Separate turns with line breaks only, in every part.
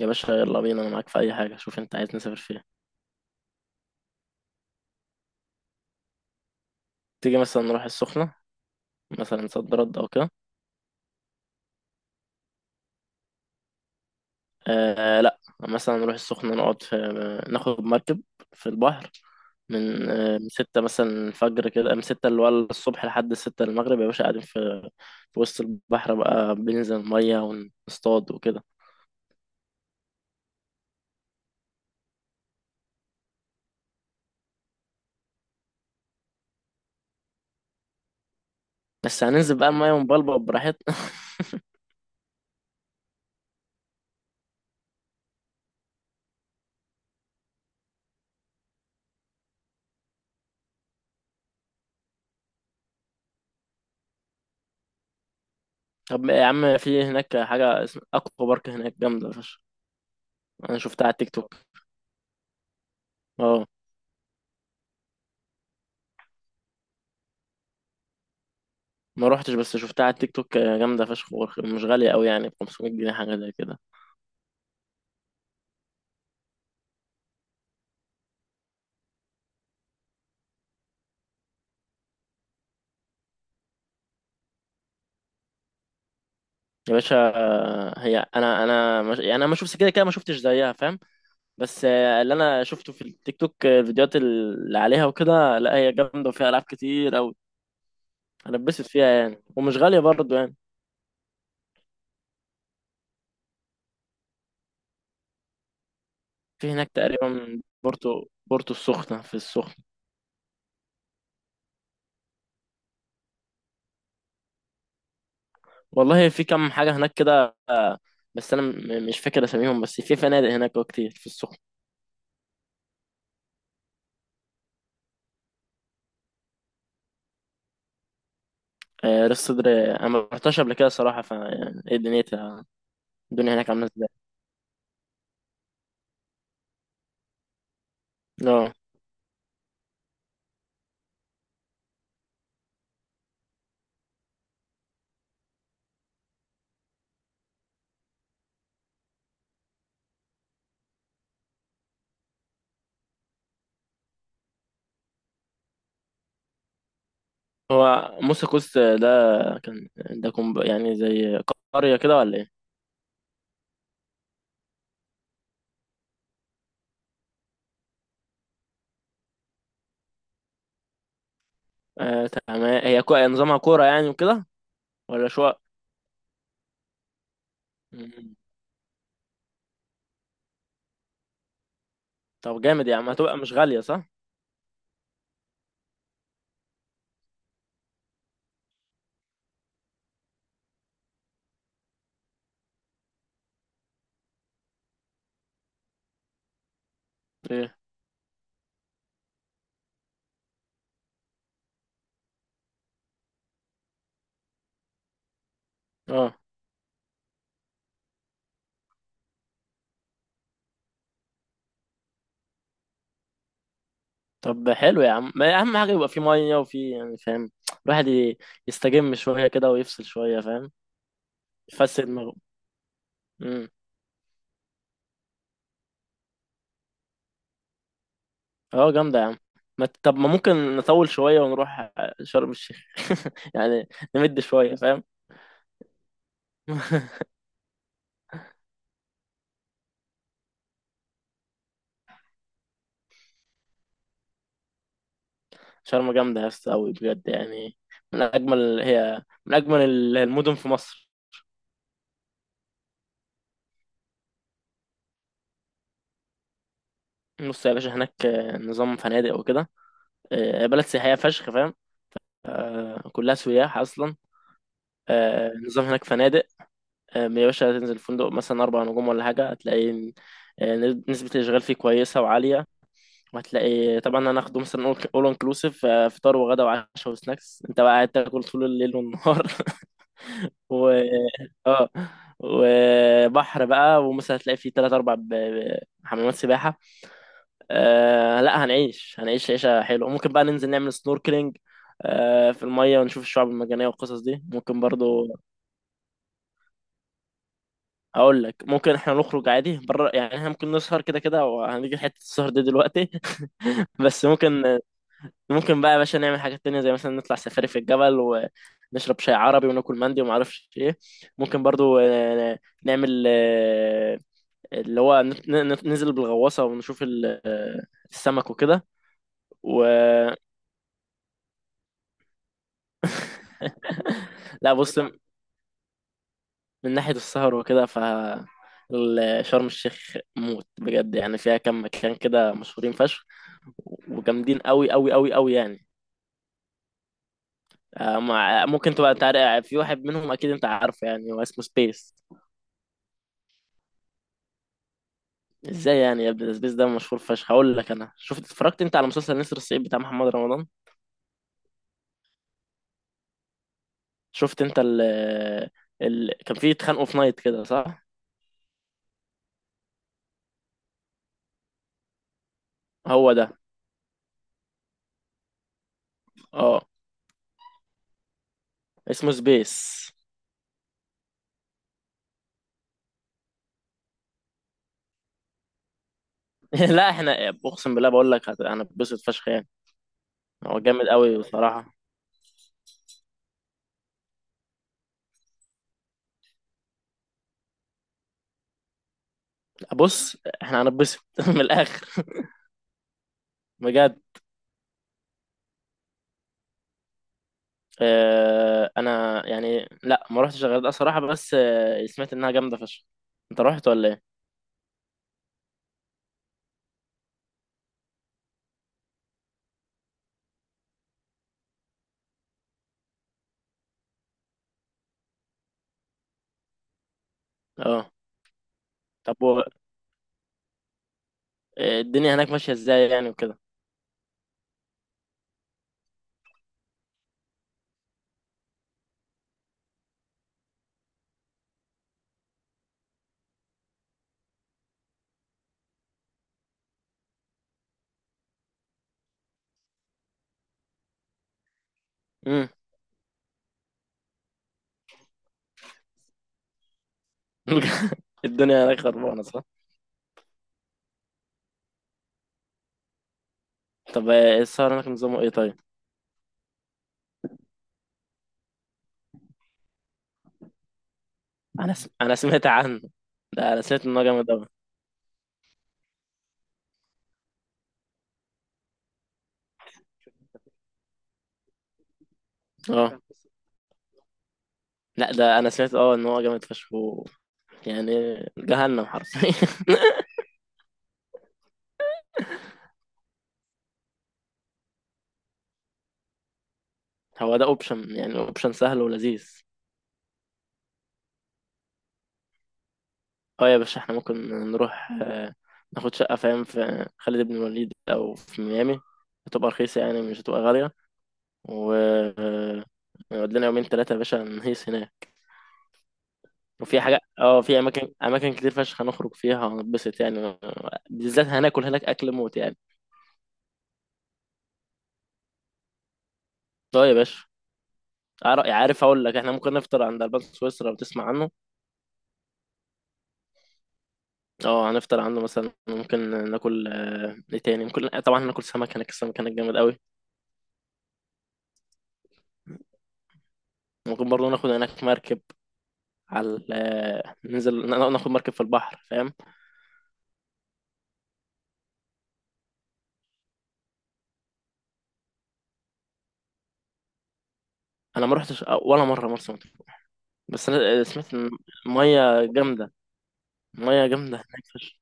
يا باشا، يلا بينا، انا معاك في اي حاجه. شوف انت عايز نسافر فيها. تيجي مثلا نروح السخنه، مثلا صد رد او كده. آه لا، مثلا نروح السخنه، نقعد في، ناخد مركب في البحر. من ستة مثلا الفجر كده، من ستة اللي هو الصبح لحد ستة المغرب، يا باشا قاعدين في وسط البحر بقى، بننزل المية ونصطاد وكده. بس هننزل بقى المية ونبلبل براحتنا. طب يا عم، في هناك حاجة اسمها أكوا بارك، هناك جامدة فشخ. أنا شفتها على التيك توك. اه. ما روحتش، بس شفتها على التيك توك. جامده فشخ، مش غاليه قوي، يعني ب 500 جنيه حاجه زي كده. يا باشا، هي انا مش، يعني انا ما شفتش كده كده، ما شفتش زيها فاهم. بس اللي انا شفته في التيك توك، الفيديوهات اللي عليها وكده، لا هي جامده وفيها العاب كتير قوي. انا اتبسط فيها يعني، ومش غاليه برضو يعني. في هناك تقريبا بورتو، بورتو السخنه، في السخنه. والله في كم حاجه هناك كده، بس انا مش فاكر اساميهم، بس في فنادق هناك كتير في السخنه. راس صدر، انا ما رحتش قبل كده صراحه، يعني ايه دنيتها؟ الدنيا هناك عامله ازاي؟ اه. هو موسى كوست ده كان ده كوم، يعني زي قريه كده ولا ايه؟ آه تمام. هي نظامها كوره يعني وكده، ولا شقق؟ مم. طب جامد يا عم، هتبقى مش غاليه صح؟ ايه. اه، طب حلو يا عم، ما اهم حاجه يبقى في ميه، وفي، يعني فاهم. الواحد ي- يستجم شويه كده ويفصل شويه فاهم. يفسد دماغه. اه جامدة يا عم. ما ت- طب ما ممكن نطول شوية ونروح شرم الشيخ، يعني نمد شوية فاهم. شرم جامدة يا اسطى أوي بجد يعني، من أجمل هي من أجمل المدن في مصر. بص يا باشا، هناك نظام فنادق وكده. بلد سياحية فشخ فاهم، كلها سياح أصلا. نظام هناك فنادق. يا باشا، تنزل فندق مثلا أربع نجوم ولا حاجة، هتلاقي آه، نسبة الإشغال فيه كويسة وعالية. وهتلاقي طبعا هناخده مثلا اول انكلوسيف، فطار وغدا وعشاء وسناكس، انت بقى قاعد تاكل طول الليل والنهار. و اه وبحر بقى، ومثلا هتلاقي فيه تلات أربع حمامات سباحة. آه لا، هنعيش عيشة حلوة. ممكن بقى ننزل نعمل سنوركلينج، في المية، ونشوف الشعاب المرجانية والقصص دي ممكن برضو. أقول لك، ممكن إحنا نخرج عادي بره، يعني إحنا ممكن نسهر كده كده، وهنيجي حتة السهر دي دلوقتي. بس ممكن بقى يا باشا نعمل حاجات تانية، زي مثلا نطلع سفاري في الجبل ونشرب شاي عربي وناكل مندي وما اعرفش ايه. ممكن برضو نعمل، اللي هو ننزل بالغواصة ونشوف السمك وكده. و لا، بص، من ناحية السهر وكده، ف شرم الشيخ موت بجد، يعني فيها كم مكان كده مشهورين فشخ وجامدين قوي قوي قوي قوي يعني. آه، مع ممكن تبقى انت عارف، في واحد منهم اكيد انت عارفه يعني، هو اسمه سبيس. ازاي يعني يا ابني، سبيس ده مشهور فشخ. هقول لك، انا شفت، اتفرجت انت على مسلسل نسر الصعيد بتاع محمد رمضان؟ شفت انت ال كان فيه اتخانقوا في نايت كده صح؟ هو ده. اه اسمه سبيس. لا، احنا اقسم بالله بقول لك هنتبسط فشخ يعني. هو جامد قوي بصراحة. بص، احنا هنتبسط من الاخر بجد. انا يعني لا، ما رحتش الغردقه صراحه، بس سمعت انها جامده فشخ. انت رحت ولا ايه؟ اه. طب الدنيا هناك ماشيه ازاي يعني وكده؟ امم. الدنيا هناك خربانه صح؟ طب السهر هناك نظامه ايه طيب؟ انا سمعت عنه. ده انا سمعت ان هو جامد قوي. اه لا، ده انا سمعت، ان هو جامد فشخ، يعني جهنم حرفيا. هو ده اوبشن، يعني اوبشن سهل ولذيذ. اه يا باشا، احنا ممكن نروح، ناخد شقة فاهم، في خالد بن الوليد أو في ميامي، هتبقى رخيصة يعني، مش هتبقى غالية. و نقعد لنا يومين تلاتة يا باشا، نهيس هناك. وفي حاجة، في أماكن، أماكن كتير فشخ هنخرج فيها ونتبسط يعني. بالذات هناكل هناك أكل موت يعني. اه يا باشا. عارف أقول لك، احنا ممكن نفطر عند ألبان سويسرا لو تسمع عنه. اه هنفطر عنده مثلا. ممكن ناكل ايه تاني؟ ممكن طبعا هناكل سمك هناك، السمك هناك جامد قوي. ممكن برضه ناخد هناك مركب على ننزل ناخد مركب في البحر فاهم. انا ما رحتش ولا مره مرسى مطروح، بس انا سمعت ان الميه جامده. الميه جامده هناك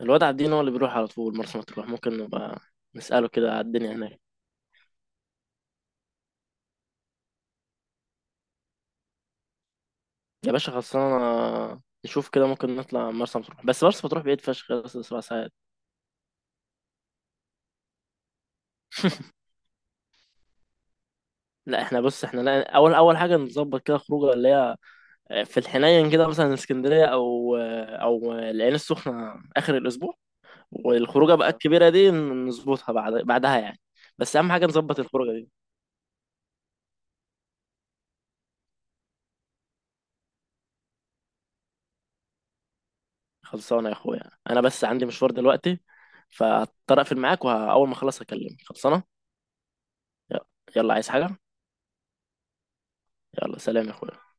الواد عابدين هو اللي بيروح على طول مرسى مطروح، ممكن نبقى نساله كده على الدنيا هناك. يا باشا خلصانه، نشوف كده ممكن نطلع مرسى مطروح، بس مرسى مطروح بعيد فشخ، بس سبع ساعات. لا، احنا بص، لا، اول اول حاجه نظبط كده خروجه اللي هي في الحنين كده، مثلا اسكندريه او العين السخنه اخر الاسبوع. والخروجه بقى الكبيره دي نظبطها بعد يعني. بس اهم حاجه نظبط الخروجه دي. خلصانه يا اخويا، انا بس عندي مشوار دلوقتي، فهضطر اقفل معاك، واول ما اخلص اكلمك. خلصانه. يلا. يلا، عايز حاجه؟ يلا سلام يا اخويا.